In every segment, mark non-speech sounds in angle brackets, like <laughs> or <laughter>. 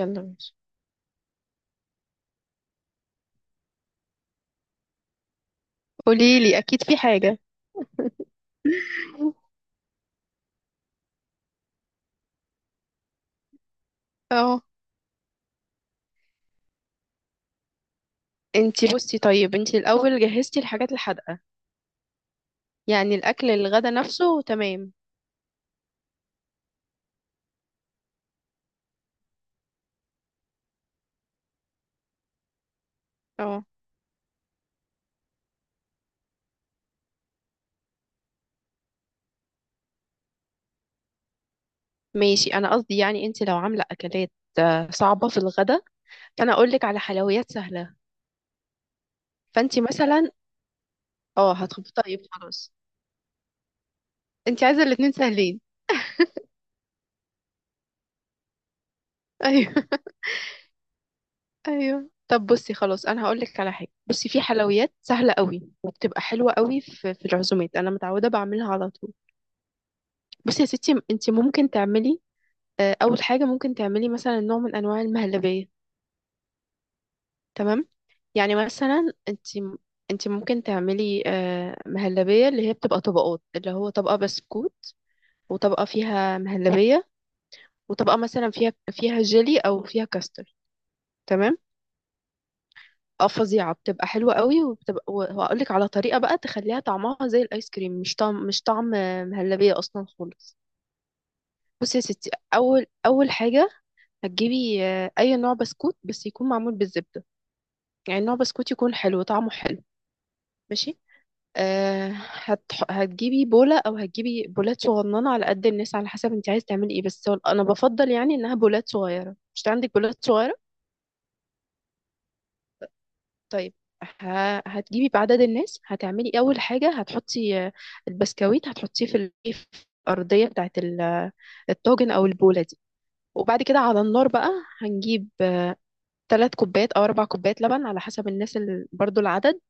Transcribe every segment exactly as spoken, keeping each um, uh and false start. يلا ماشي. قولي لي، اكيد في حاجه. اه، انتي بصي، طيب، انتي الاول جهزتي الحاجات الحادقه؟ يعني الاكل الغدا نفسه، تمام؟ اه، ماشي. انا قصدي يعني، انتي لو عامله اكلات آه، صعبه في الغدا، فانا اقول لك على حلويات سهله. فانتي مثلا، اه هتخبطي، طيب خلاص. انتي عايزه الاتنين سهلين؟ ايوه. <laughs> ايوه، طب بصي خلاص، انا هقول لك على حاجه. بصي، في حلويات سهله قوي وبتبقى حلوه قوي في في العزومات، انا متعوده بعملها على طول. بصي يا ستي، انت ممكن تعملي، آه، اول حاجه ممكن تعملي مثلا نوع من انواع المهلبيه. تمام. يعني مثلا، انت انت ممكن تعملي آه، مهلبيه اللي هي بتبقى طبقات، اللي هو طبقه بسكوت وطبقه فيها مهلبيه وطبقه مثلا فيها فيها جيلي او فيها كاستر. تمام. اه، فظيعه، بتبقى حلوه قوي، وبتبقى وهقول لك على طريقه بقى تخليها طعمها زي الايس كريم، مش طعم مش طعم آه، مهلبيه اصلا خالص. بصي يا ستي، اول اول حاجه هتجيبي آه، اي نوع بسكوت بس يكون معمول بالزبده، يعني ان هو بسكوت يكون حلو، طعمه حلو. ماشي. أه هتح... هتجيبي بولة او هتجيبي بولات صغننة على قد الناس، على حسب انت عايز تعملي ايه. بس هو- انا بفضل يعني انها بولات صغيرة. مش عندك بولات صغيرة؟ طيب، ه... هتجيبي بعدد الناس. هتعملي اول حاجة، هتحطي آه، البسكويت، هتحطيه في ال- في الارضية بتاعت ال- آه، الطاجن او البولة دي. وبعد كده على النار بقى، هنجيب ثلاث كوبايات او اربع كوبايات لبن على حسب الناس، ال... برضو العدد.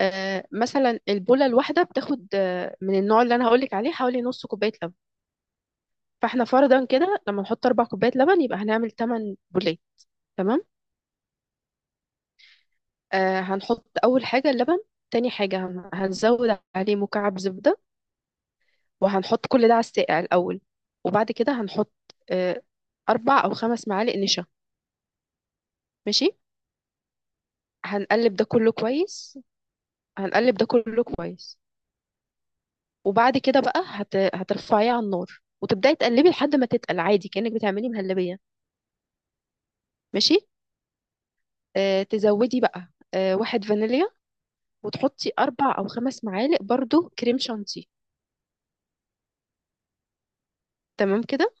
آه، مثلا البوله الواحده بتاخد آه، من النوع اللي انا هقولك عليه حوالي نص كوبايه لبن. فاحنا فرضا كده، لما نحط اربع كوبايات لبن يبقى هنعمل تمانية بوليه. تمام. آه هنحط اول حاجه اللبن، تاني حاجه هن- هنزود عليه مكعب زبده، وهنحط كل ده على الساقع الاول. وبعد كده هنحط آه اربع او خمس معالق نشا. ماشي. هنقلب ده كله كويس هنقلب ده كله كويس وبعد كده بقى هت... هترفعيه على النار وتبداي تقلبي لحد ما تتقل، عادي كأنك بتعملي مهلبية. ماشي. آه تزودي بقى آه واحد فانيليا، وتحطي اربع او خمس معالق برضو كريم شانتيه. تمام كده،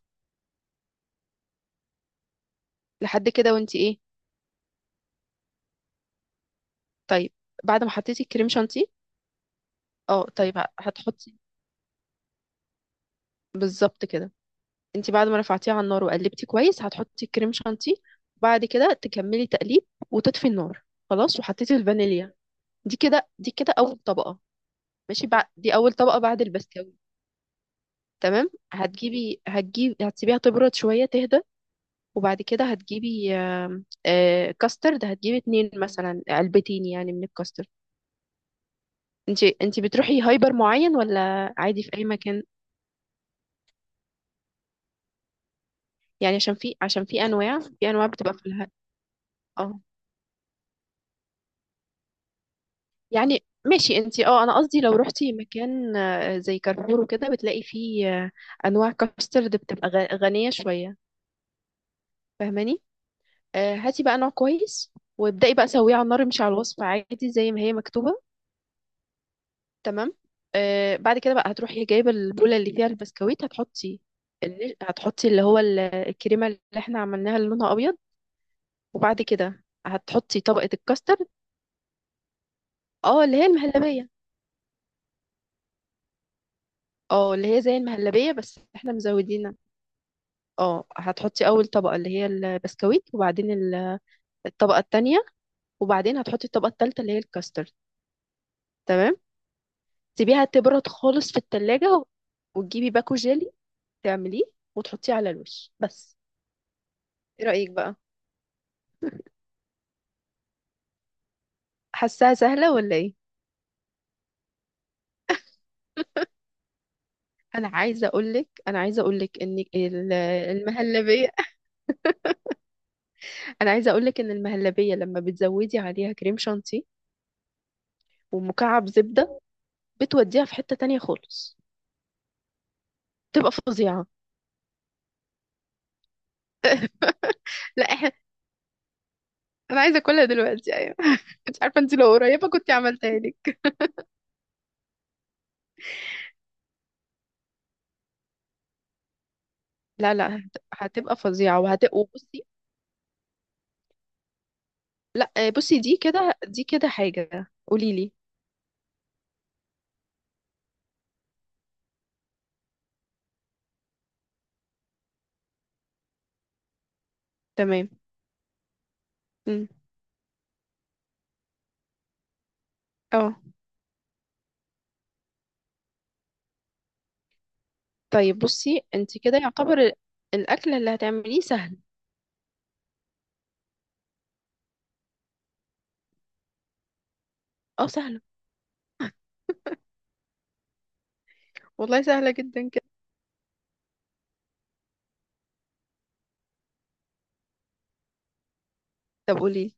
لحد كده وانتي ايه. طيب، بعد ما حطيتي الكريم شانتيه، اه، طيب، ه- هتحطي بالظبط كده. انتي بعد ما رفعتيه على النار وقلبتي كويس، هتحطي الكريم شانتيه، وبعد كده تكملي تقليب وتطفي النار. خلاص، وحطيتي الفانيليا. دي كده دي كده اول طبقة، ماشي، بعد دي اول طبقة بعد البسكويت. تمام، هتجيبي هتجيب هتسيبيها تبرد شوية، تهدى، وبعد كده هتجيبي آم، آه، كاسترد. هتجيبي اتنين مثلا علبتين يعني من الكاسترد. انت انت بتروحي هايبر معين ولا عادي في اي مكان؟ يعني عشان في عشان في انواع، في انواع بتبقى في الها. اه. يعني، ماشي انت. اه، انا قصدي لو روحتي مكان آه، زي كارفور وكده، بتلاقي فيه آه، انواع كاسترد بتبقى غ- غنية شوية. فاهماني؟ آه، هاتي بقى نوع كويس، وابدأي بقى سويه على النار، مش على الوصفة، عادي زي ما هي مكتوبة. تمام. آه بعد كده بقى، هتروحي جايبه البوله اللي فيها البسكويت، هتحطي، اللي هتحطي اللي هو ال- الكريمه اللي احنا عملناها، اللي لونها ابيض. وبعد كده هتحطي طبقه الكاسترد، اه، اللي هي المهلبيه، اه، اللي هي زي المهلبيه بس احنا مزودينها. اه، هتحطي اول طبقه اللي هي البسكويت، وبعدين ال- الطبقه التانية، وبعدين هتحطي الطبقه التالتة اللي هي الكاسترد. تمام. تسيبيها تبرد خالص في التلاجة، و- وتجيبي باكو جيلي، تعمليه وتحطيه على الوش بس. ايه رأيك بقى؟ حاساها سهلة ولا ايه؟ انا عايزة اقولك انا عايزة اقولك ان ال- المهلبية. <laughs> انا عايزة اقولك ان المهلبية لما بتزودي عليها كريم شانتيه ومكعب زبدة، بتوديها في حتة تانية خالص، تبقى فظيعة. <laughs> لا احنا، انا عايزة اكلها دلوقتي، ايوه. <laughs> مش عارفة، انت لو قريبة كنت عملتها لك. لا لا، هت- هتبقى فظيعة، وهت وبصي، لا، آه، بصي، دي كده دي كده حاجة، قولي لي. تمام. مم. اه، طيب، بصي، انت كده يعتبر ال- الاكل اللي هتعمليه سهل. اه، سهلة، والله سهلة جدا كده. طب قولي.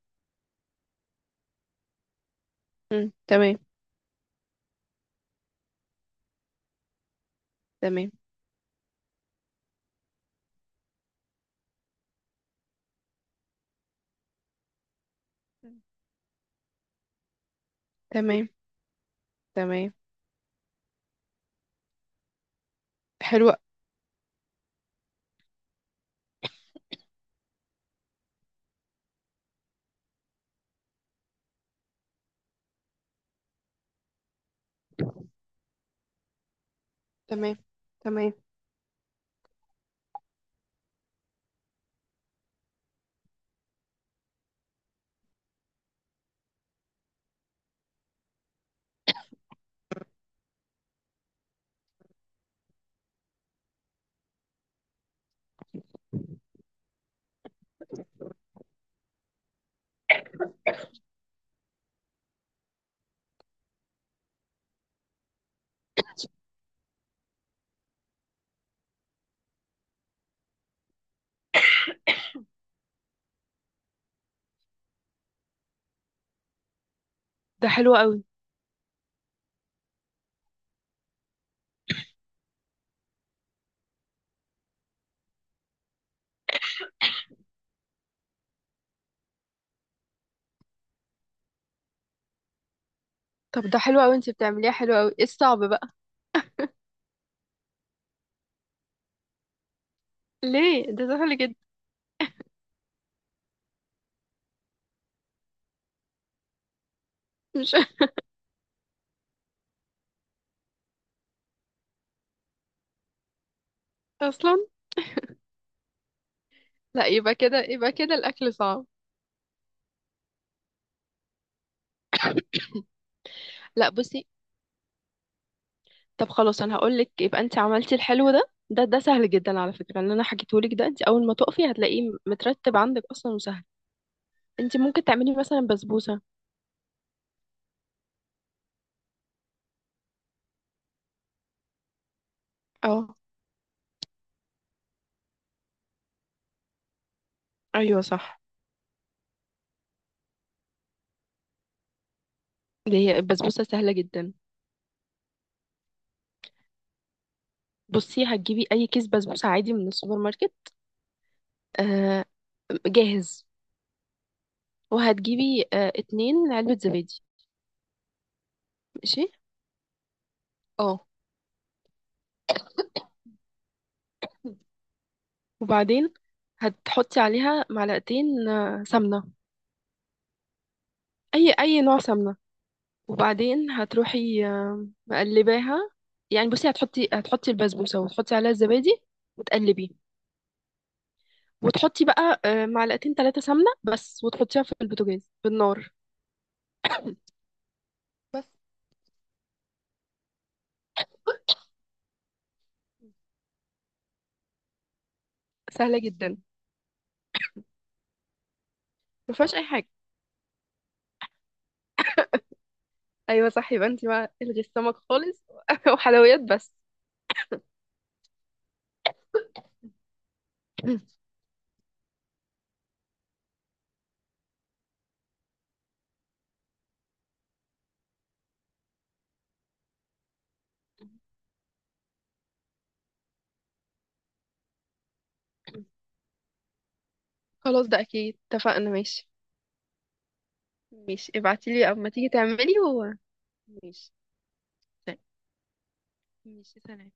امم تمام، تمام، تمام، تمام، حلوة، تمام، تمام، ده حلو قوي. طب ده حلو قوي، انت بتعمليها حلو قوي، ايه الصعب بقى؟ ليه؟ ده سهل جدا، مش <laughs> اصلا. لا، يبقى كده يبقى كده الاكل صعب. لا، بصي، طب خلاص، انا هقول لك، يبقى انت عملتي الحلو ده، ده ده سهل جدا. على فكرة، اللي انا حكيته لك ده، انت اول ما تقفي هتلاقيه مترتب عندك اصلا وسهل. انت ممكن تعملي مثلا بسبوسة. اه، ايوه، صح، اللي هي البسبوسة سهلة جدا. بصي، هتجيبي اي كيس بسبوسه عادي من السوبر ماركت، آه جاهز، وهتجيبي آه اتنين علبه زبادي. ماشي. اه. وبعدين هتحطي عليها معلقتين آه سمنه، اي اي نوع سمنه. وبعدين هتروحي آه مقلباها، يعني بصي، هتحطي هتحطي البسبوسه وتحطي عليها الزبادي، وتقلبي، وتحطي بقى آه معلقتين ثلاثه سمنه بس، وتحطيها في البوتاجاز بالنار. بس، سهله جدا، ما فيهاش اي حاجه. ايوه صح، يبقى انت بقى الغي السمك خالص <laughs> وحلويات بس. <clears throat> خلاص ده اكيد، اتفقنا، ماشي. ماشي، ابعتيلي اما تيجي تعملي و ماشي. طيب. ماشي، سلام.